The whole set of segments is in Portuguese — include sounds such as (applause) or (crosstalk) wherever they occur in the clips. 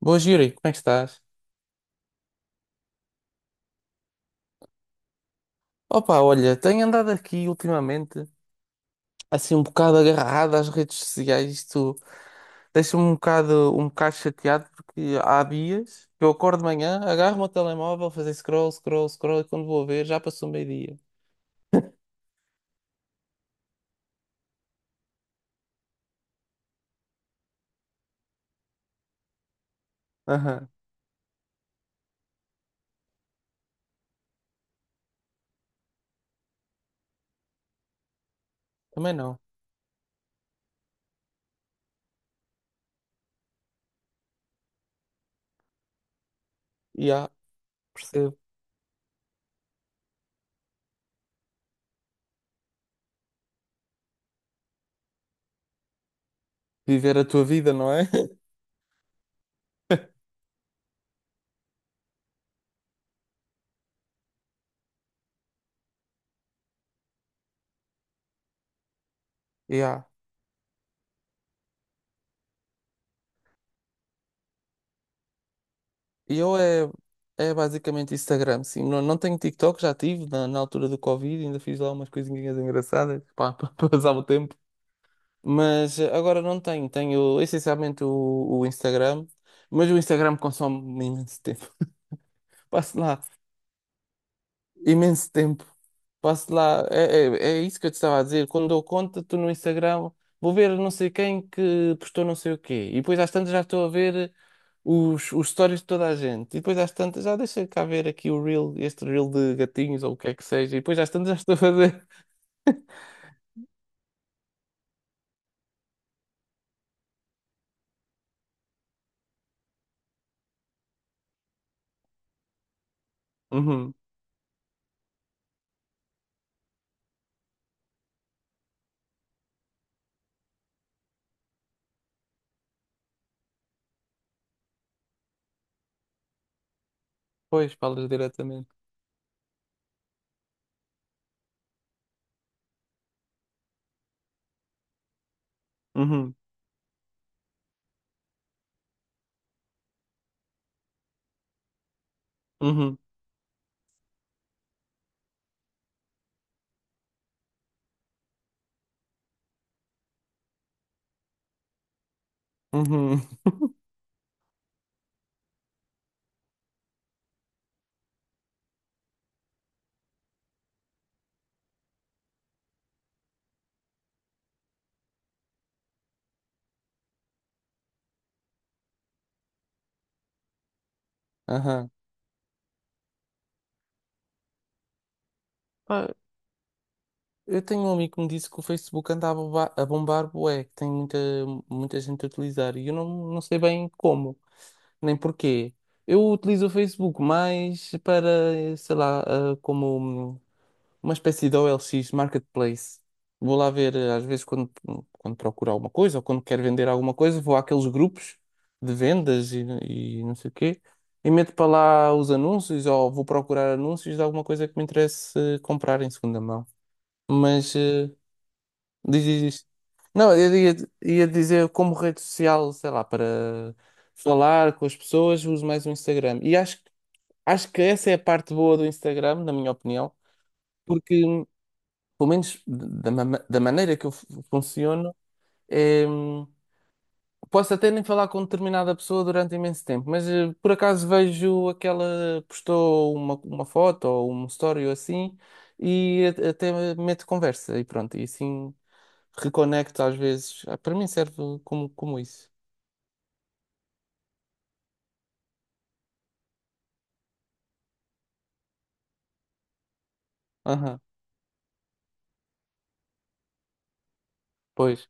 Boa, Yuri, como é que estás? Olha, tenho andado aqui ultimamente, assim, um bocado agarrado às redes sociais. Isto deixa-me um bocado chateado, porque há dias que eu acordo de manhã, agarro o meu telemóvel, fazer scroll, scroll, scroll, e quando vou ver, já passou meio-dia. Aham, também não. E há, percebo. Viver a tua vida, não é? (laughs) Yeah. E eu é, é basicamente Instagram, sim. Não, não tenho TikTok, já tive na altura do Covid, ainda fiz lá umas coisinhas engraçadas para (laughs) passar o tempo. Mas agora não tenho, tenho essencialmente o Instagram, mas o Instagram consome imenso tempo. (laughs) Passo lá imenso tempo. Passo lá, é, é, é isso que eu te estava a dizer. Quando dou conta, estou no Instagram, vou ver não sei quem que postou não sei o quê. E depois às tantas já estou a ver os stories de toda a gente. E depois às tantas já deixa cá ver aqui o reel, este reel de gatinhos ou o que é que seja. E depois às tantas (laughs) já estou a fazer. (laughs) Uhum. Pois, falas diretamente. Uhum. Uhum. Uhum. Aham. Eu tenho um amigo que me disse que o Facebook anda a bombar bué, que tem muita gente a utilizar e eu não, não sei bem como, nem porquê. Eu utilizo o Facebook mais para, sei lá, ah, como um- uma espécie de OLX Marketplace. Vou lá ver, ah, às vezes, quando procuro alguma coisa ou quando quero vender alguma coisa, vou àqueles grupos de vendas e não sei o quê e meto para lá os anúncios ou vou procurar anúncios de alguma coisa que me interesse comprar em segunda mão. Mas. eh, Diz, diz, diz. Não, ia dizer como rede social, sei lá, para falar com as pessoas, uso mais o Instagram. Acho que essa é a parte boa do Instagram, na minha opinião, porque, pelo menos da maneira que eu funciono, é, posso até nem falar com determinada pessoa durante imenso tempo, mas por acaso vejo aquela, postou uma foto ou um story ou assim, e até meto conversa e pronto, e assim reconecto às vezes. Para mim serve como isso. Aham, pois.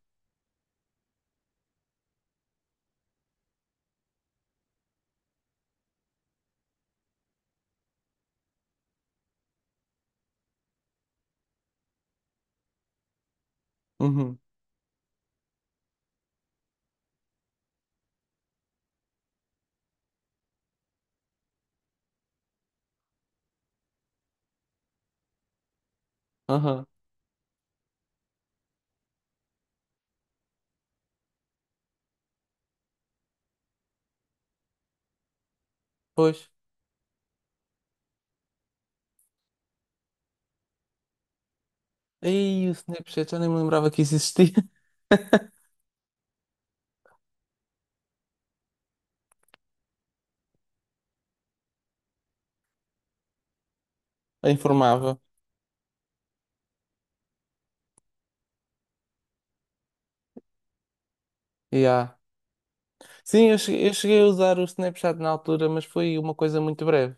Uhum, aham, pois. Aí o Snapchat, eu nem me lembrava que isso existia. (laughs) Eu informava. Yeah. Sim, eu cheguei a usar o Snapchat na altura, mas foi uma coisa muito breve.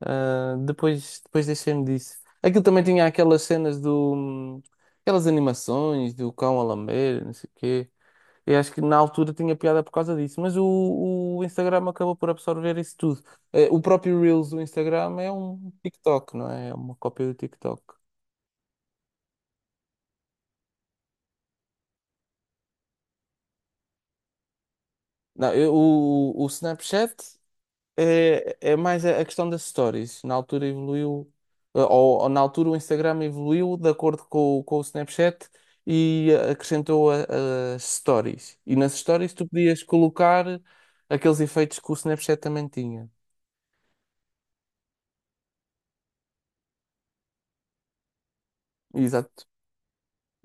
Ah, depois deixei-me disso. Aquilo também tinha aquelas cenas do. Aquelas animações do cão a lamber, não sei o quê. Eu acho que na altura tinha piada por causa disso, mas o Instagram acabou por absorver isso tudo. O próprio Reels do Instagram é um TikTok, não é? É uma cópia do TikTok. Não, o Snapchat é mais a questão das stories. Na altura evoluiu, ou na altura o Instagram evoluiu de acordo com, com o Snapchat e acrescentou as stories. E nas stories tu podias colocar aqueles efeitos que o Snapchat também tinha. Exato.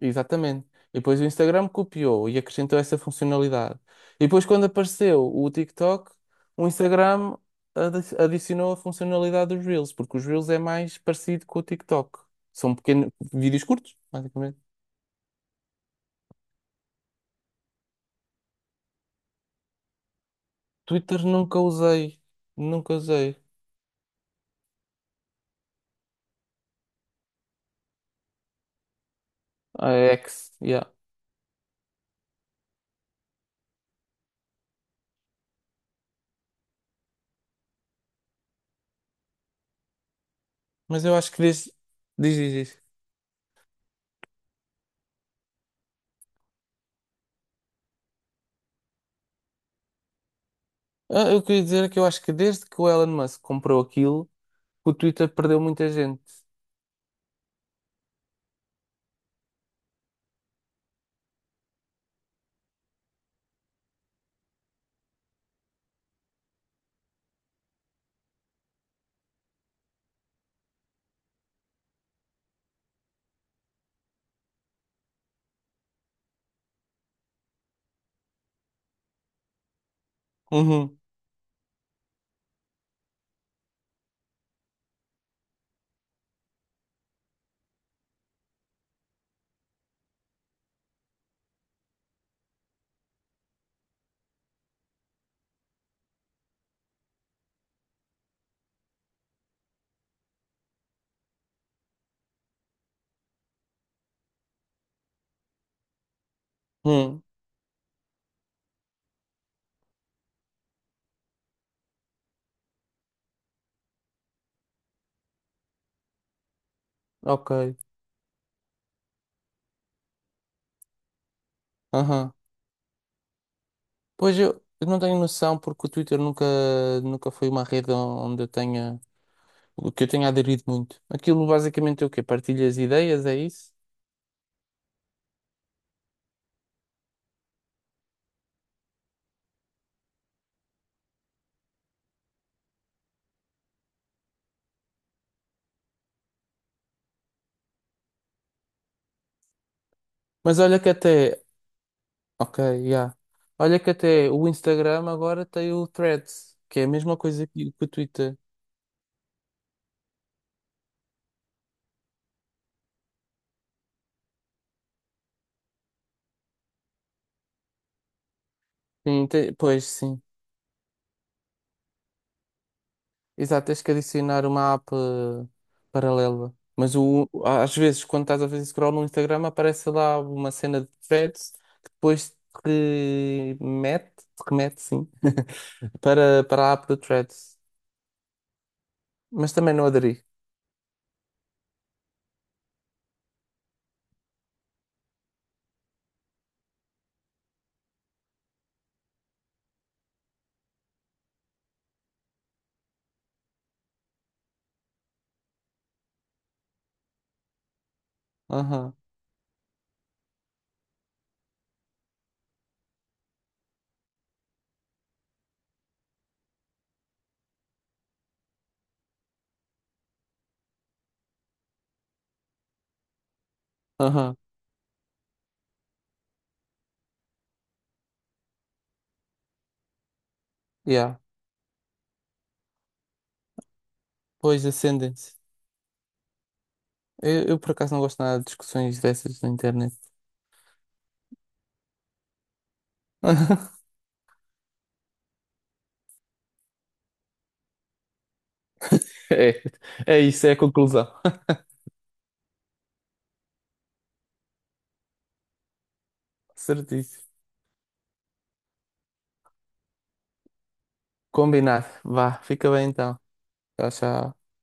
Exatamente. E depois o Instagram copiou e acrescentou essa funcionalidade. E depois, quando apareceu o TikTok, o Instagram adicionou a funcionalidade dos Reels, porque os Reels é mais parecido com o TikTok. São pequenos vídeos curtos, basicamente. Twitter nunca usei. Nunca usei. A X, yeah. Mas eu acho que desde. Diz, diz, diz. Eu queria dizer que eu acho que desde que o Elon Musk comprou aquilo, o Twitter perdeu muita gente. Uhum. hum Ok. Aham. Eu não tenho noção porque o Twitter nunca foi uma rede onde eu tenha, o que eu tenha aderido muito. Aquilo basicamente é o quê? Partilhas ideias, é isso? Mas olha que até, ok, já. Olha que até o Instagram agora tem o Threads, que é a mesma coisa que o Twitter. Sim, pois sim. Exato, tens que adicionar uma app paralela. Mas o, às vezes, quando estás a fazer scroll no Instagram, aparece lá uma cena de threads que depois te remete, sim, (laughs) para a app do threads. Mas também não aderi. Aham, aham, yeah. Pois, Ascendance. Eu, por acaso, não gosto nada de discussões dessas na internet. (laughs) É, é isso, é a conclusão. (laughs) Certíssimo. Combinado. Vá, fica bem então. Tchau, tchau.